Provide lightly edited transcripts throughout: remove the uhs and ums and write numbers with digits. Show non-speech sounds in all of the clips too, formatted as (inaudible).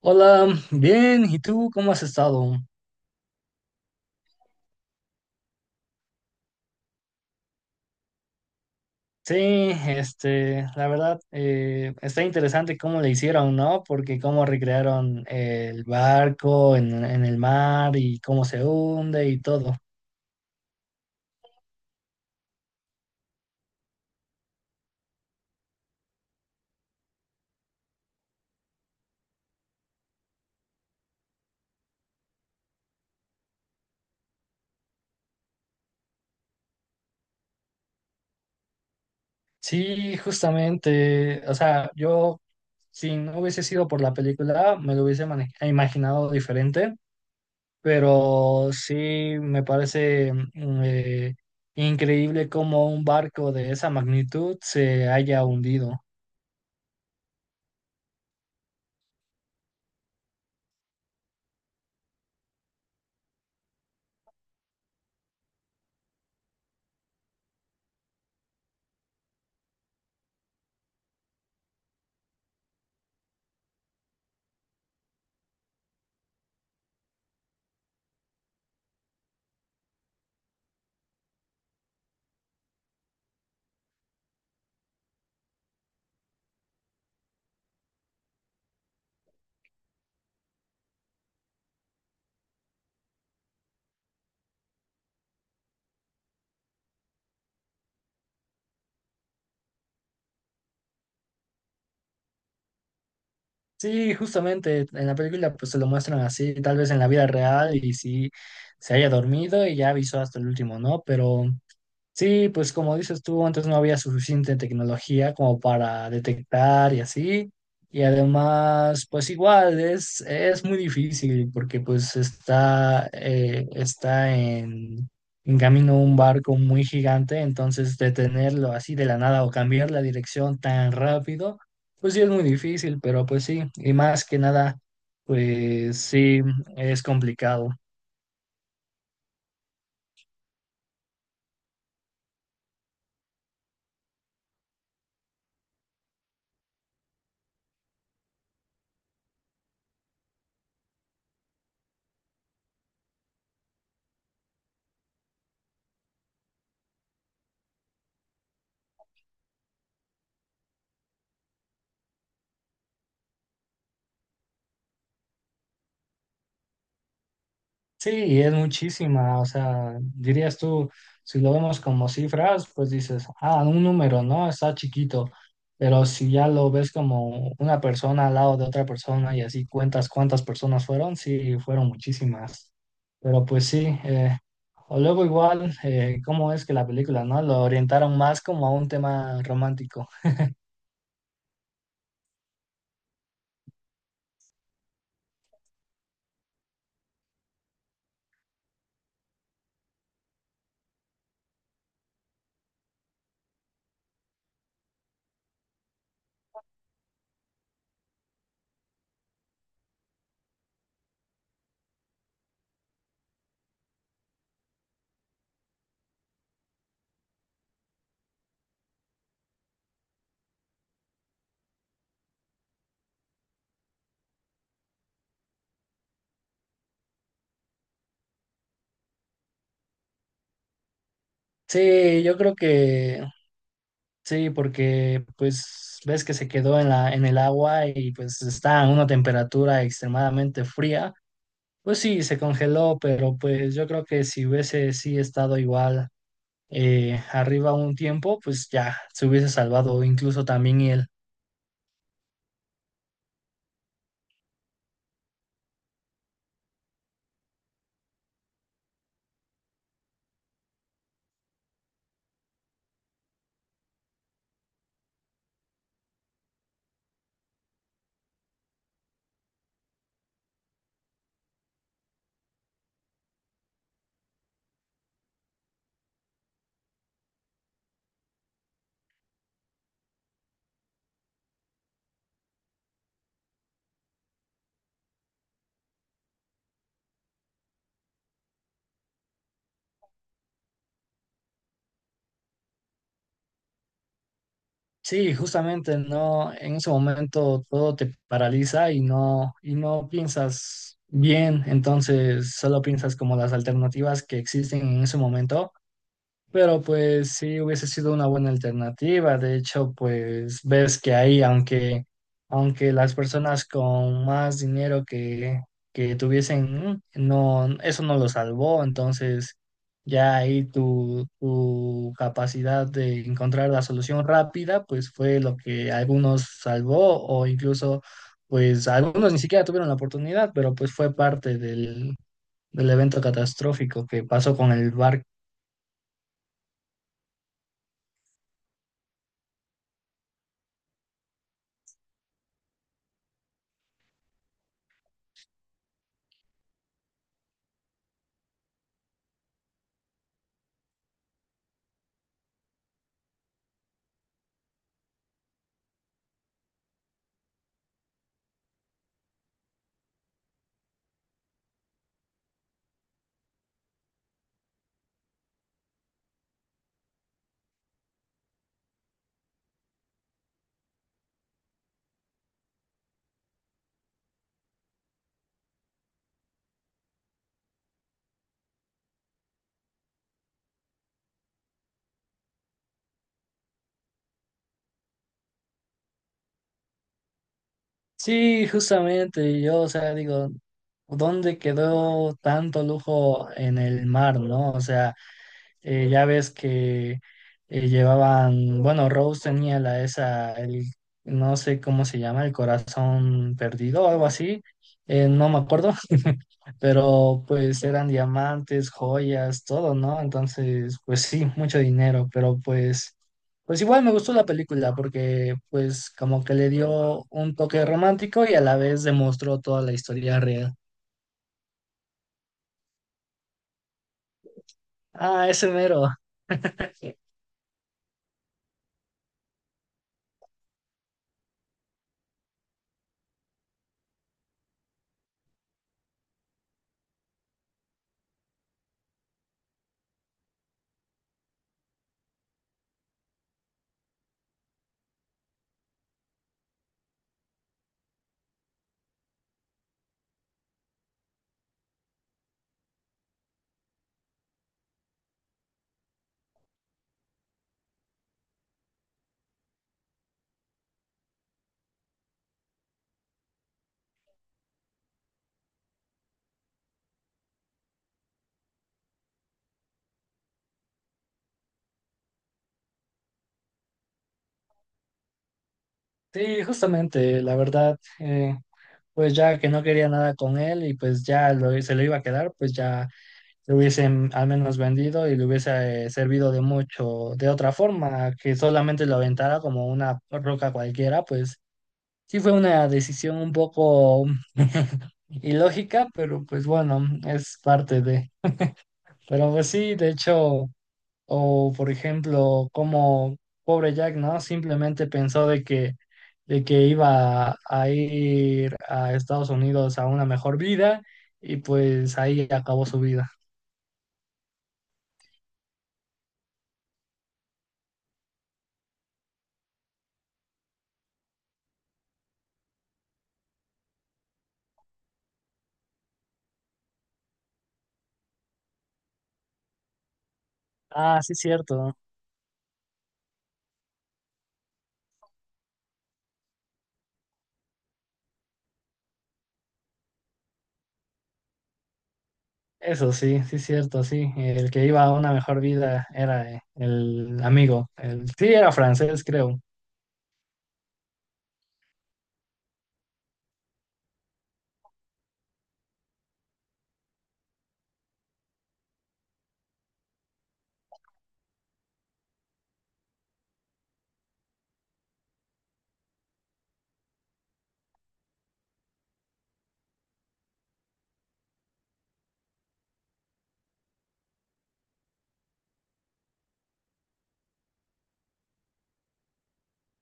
Hola, bien, ¿y tú cómo has estado? Sí, la verdad, está interesante cómo le hicieron, ¿no? Porque cómo recrearon el barco en el mar y cómo se hunde y todo. Sí, justamente, o sea, yo si no hubiese sido por la película, me lo hubiese imaginado diferente, pero sí me parece increíble cómo un barco de esa magnitud se haya hundido. Sí, justamente en la película pues se lo muestran así, tal vez en la vida real y sí se haya dormido y ya avisó hasta el último, ¿no? Pero sí, pues como dices tú, antes no había suficiente tecnología como para detectar y así. Y además, pues igual es muy difícil porque pues está, está en camino un barco muy gigante, entonces detenerlo así de la nada o cambiar la dirección tan rápido, pues sí es muy difícil, pero pues sí, y más que nada, pues sí, es complicado. Sí, y es muchísima, o sea, dirías tú, si lo vemos como cifras, pues dices, ah, un número, ¿no? Está chiquito, pero si ya lo ves como una persona al lado de otra persona y así cuentas cuántas personas fueron, sí, fueron muchísimas, pero pues sí, o luego igual, ¿cómo es que la película, ¿no? Lo orientaron más como a un tema romántico. Sí, yo creo que sí, porque pues ves que se quedó en en el agua y pues está a una temperatura extremadamente fría. Pues sí, se congeló, pero pues yo creo que si hubiese sí estado igual arriba un tiempo, pues ya se hubiese salvado incluso también él. Sí, justamente no, en ese momento todo te paraliza y no piensas bien, entonces solo piensas como las alternativas que existen en ese momento. Pero pues sí hubiese sido una buena alternativa. De hecho, pues ves que ahí, aunque las personas con más dinero que tuviesen, no, eso no lo salvó. Entonces, ya ahí tu capacidad de encontrar la solución rápida, pues fue lo que algunos salvó, o incluso, pues algunos ni siquiera tuvieron la oportunidad, pero pues fue parte del evento catastrófico que pasó con el barco. Sí, justamente, yo, o sea, digo, ¿dónde quedó tanto lujo en el mar, no? O sea, ya ves que llevaban, bueno, Rose tenía la esa, el, no sé cómo se llama, el corazón perdido o algo así, no me acuerdo, (laughs) pero pues eran diamantes, joyas, todo, ¿no? Entonces, pues sí, mucho dinero, pero pues igual me gustó la película porque pues como que le dio un toque romántico y a la vez demostró toda la historia real. Ah, ese mero. Sí, justamente, la verdad, pues ya que no quería nada con él y pues ya se lo iba a quedar, pues ya lo hubiesen al menos vendido y le hubiese servido de mucho de otra forma, que solamente lo aventara como una roca cualquiera, pues sí fue una decisión un poco ilógica, pero pues bueno, es parte de. Pero pues sí, de hecho. O, por ejemplo, como pobre Jack, ¿no? Simplemente pensó de que iba a ir a Estados Unidos a una mejor vida y pues ahí acabó su vida. Ah, sí, cierto. Eso sí, sí, cierto, sí. El que iba a una mejor vida era el amigo. El, sí, era francés, creo.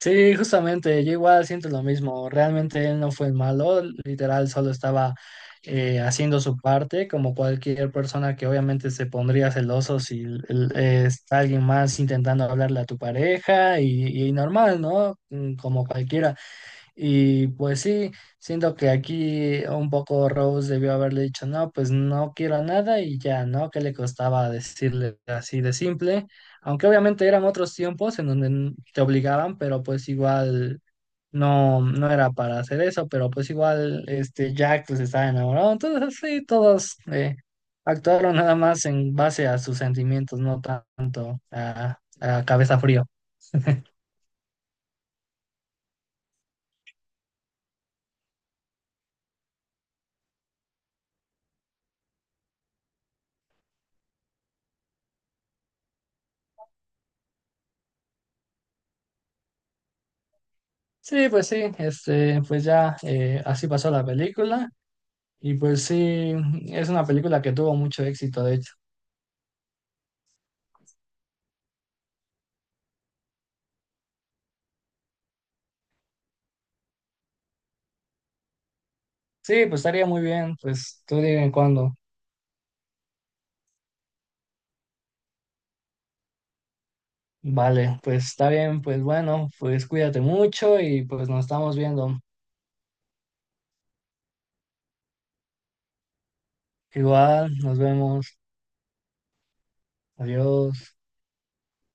Sí, justamente, yo igual siento lo mismo. Realmente él no fue el malo, literal, solo estaba haciendo su parte, como cualquier persona que obviamente se pondría celoso si es alguien más intentando hablarle a tu pareja y normal, ¿no? Mm, como cualquiera. Y pues sí, siento que aquí un poco Rose debió haberle dicho, no, pues no quiero nada y ya, ¿no? ¿Qué le costaba decirle así de simple? Aunque obviamente eran otros tiempos en donde te obligaban, pero pues igual no, no era para hacer eso, pero pues igual este Jack pues estaba enamorado, entonces sí, todos actuaron nada más en base a sus sentimientos, no tanto a, cabeza frío. Sí, pues sí, pues ya así pasó la película. Y pues sí, es una película que tuvo mucho éxito, de hecho. Sí, pues estaría muy bien, pues tú dime cuándo. Vale, pues está bien, pues bueno, pues cuídate mucho y pues nos estamos viendo. Igual, nos vemos. Adiós.